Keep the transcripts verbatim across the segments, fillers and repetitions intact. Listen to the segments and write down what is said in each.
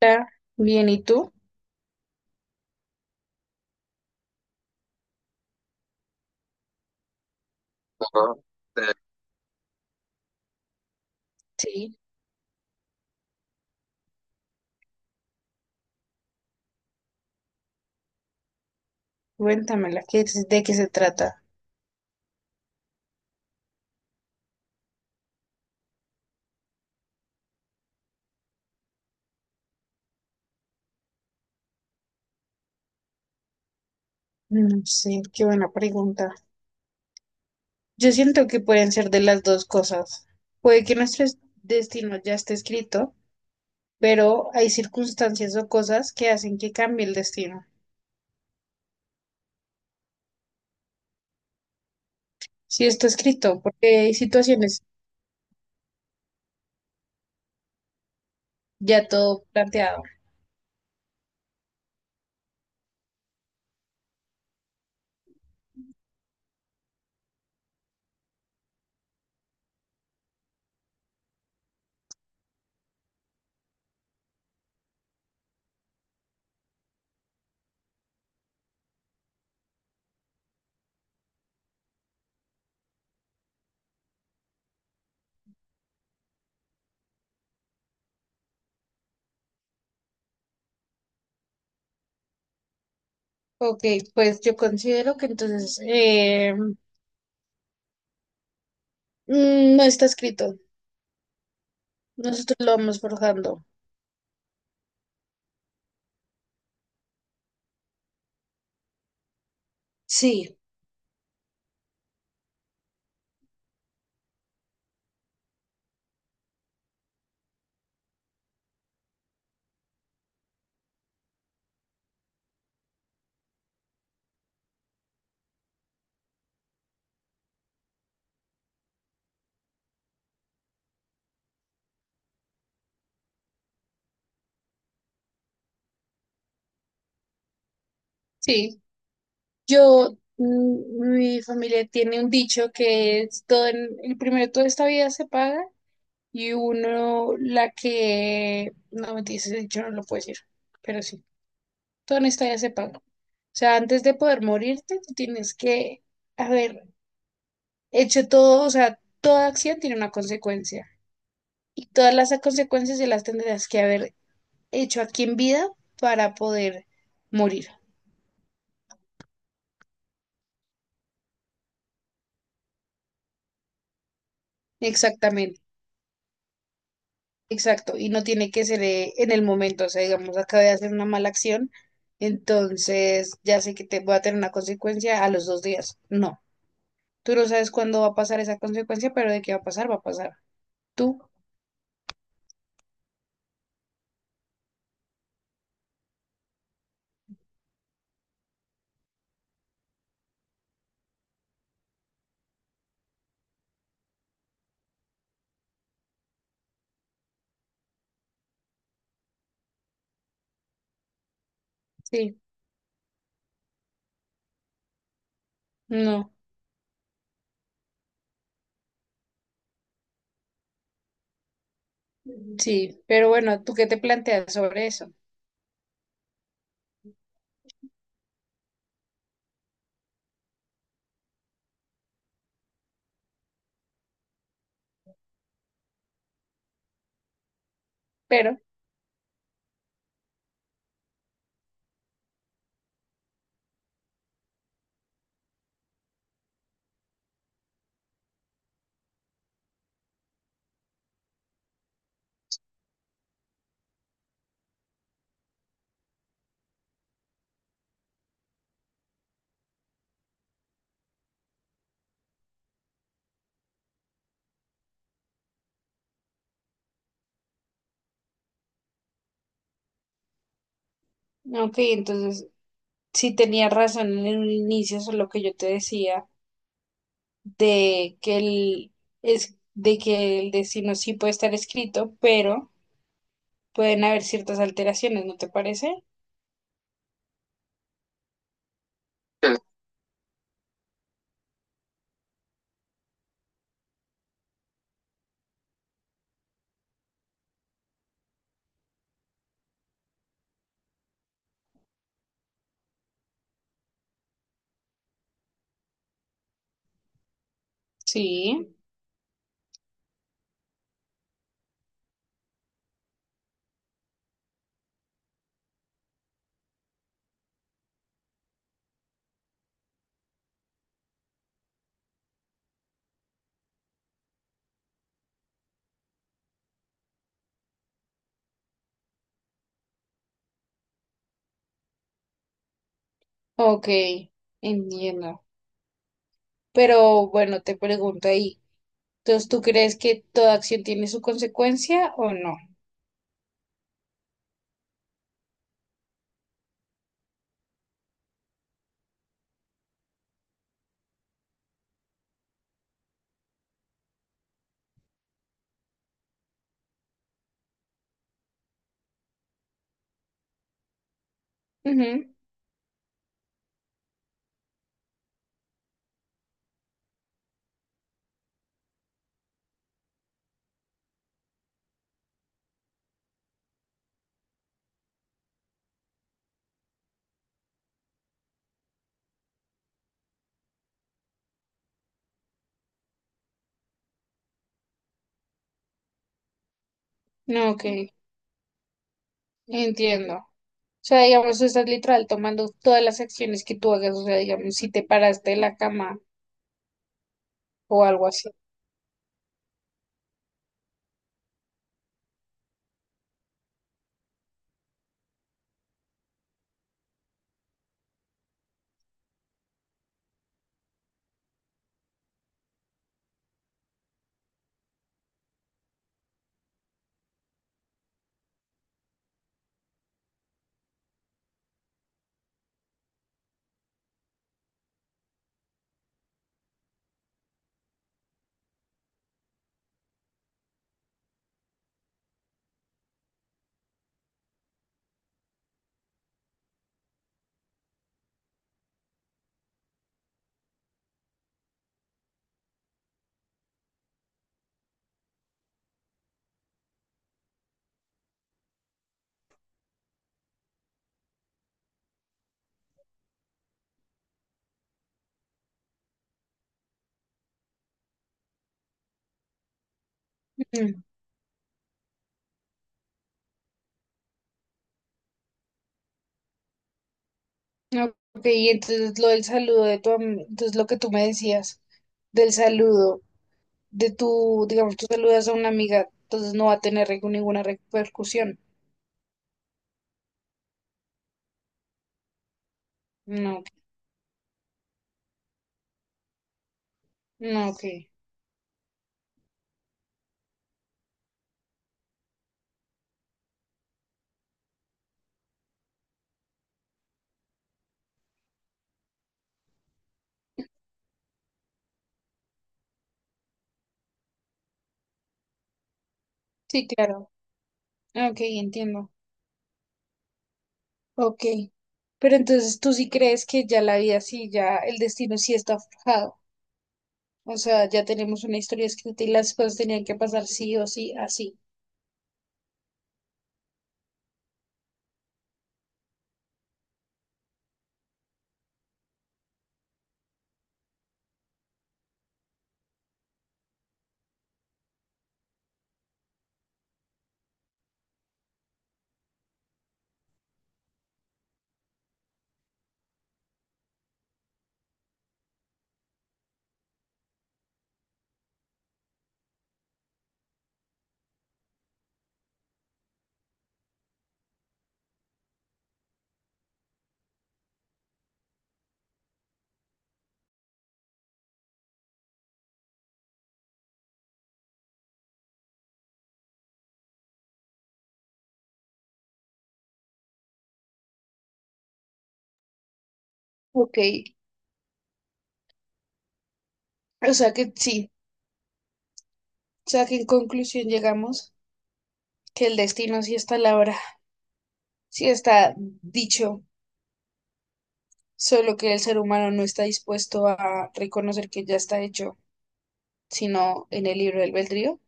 Hola, bien, ¿y tú? Ajá. Eh, Sí. Cuéntamela, ¿qué es- ¿de qué se trata? No sé, qué buena pregunta. Yo siento que pueden ser de las dos cosas. Puede que nuestro es- destino ya esté escrito, pero hay circunstancias o cosas que hacen que cambie el destino. Si está escrito, porque hay situaciones ya todo planteado. Ok, pues yo considero que entonces eh, mm, no está escrito. Nosotros lo vamos forjando. Sí. Sí, Yo, mm, mi familia tiene un dicho que es todo en, el primero toda esta vida se paga y uno la que, no me ese dicho no lo puedo decir, pero sí, todo en esta vida se paga. O sea, antes de poder morirte, tú tienes que haber hecho todo, o sea, toda acción tiene una consecuencia y todas las consecuencias se las tendrás que haber hecho aquí en vida para poder morir. Exactamente. Exacto, y no tiene que ser eh, en el momento, o sea, digamos, acabé de hacer una mala acción, entonces ya sé que te voy a tener una consecuencia a los dos días. No, tú no sabes cuándo va a pasar esa consecuencia, pero de qué va a pasar, va a pasar. ¿Tú? Sí, no, sí, pero bueno, ¿tú qué te planteas sobre eso? Pero, ok, entonces, sí tenía razón en un inicio sobre lo que yo te decía, de que el, es, de que el destino sí puede estar escrito, pero pueden haber ciertas alteraciones, ¿no te parece? Sí. Sí, ok, entiendo. Pero bueno, te pregunto ahí, entonces, ¿tú crees que toda acción tiene su consecuencia o no? Ujú. No, ok, entiendo. O sea, digamos, tú estás literal tomando todas las acciones que tú hagas, o sea, digamos, si te paraste de la cama o algo así. Ujú. Ok, y entonces lo del saludo de tu am- entonces lo que tú me decías del saludo. De tu, digamos, tú saludas a una amiga, entonces no va a tener recu- ninguna repercusión. No, no, ok. Sí, claro. Ok, entiendo. Ok. Pero entonces tú sí crees que ya la vida sí, ya el destino sí está forjado. O sea, ya tenemos una historia escrita y las cosas tenían que pasar sí o sí, así. Ok. O sea que sí. O sea que en conclusión llegamos que el destino sí está a la hora, sí está dicho, solo que el ser humano no está dispuesto a reconocer que ya está hecho. Sino en el libre albedrío.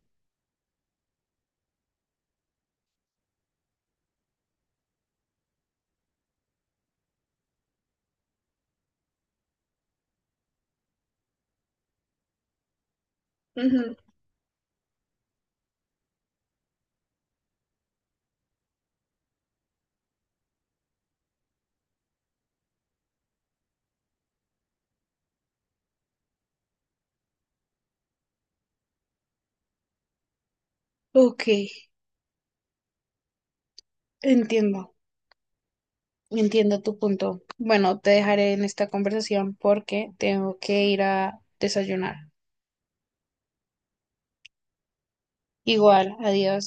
Ujú. Ok, entiendo, entiendo tu punto. Bueno, te dejaré en esta conversación porque tengo que ir a desayunar. Igual, adiós.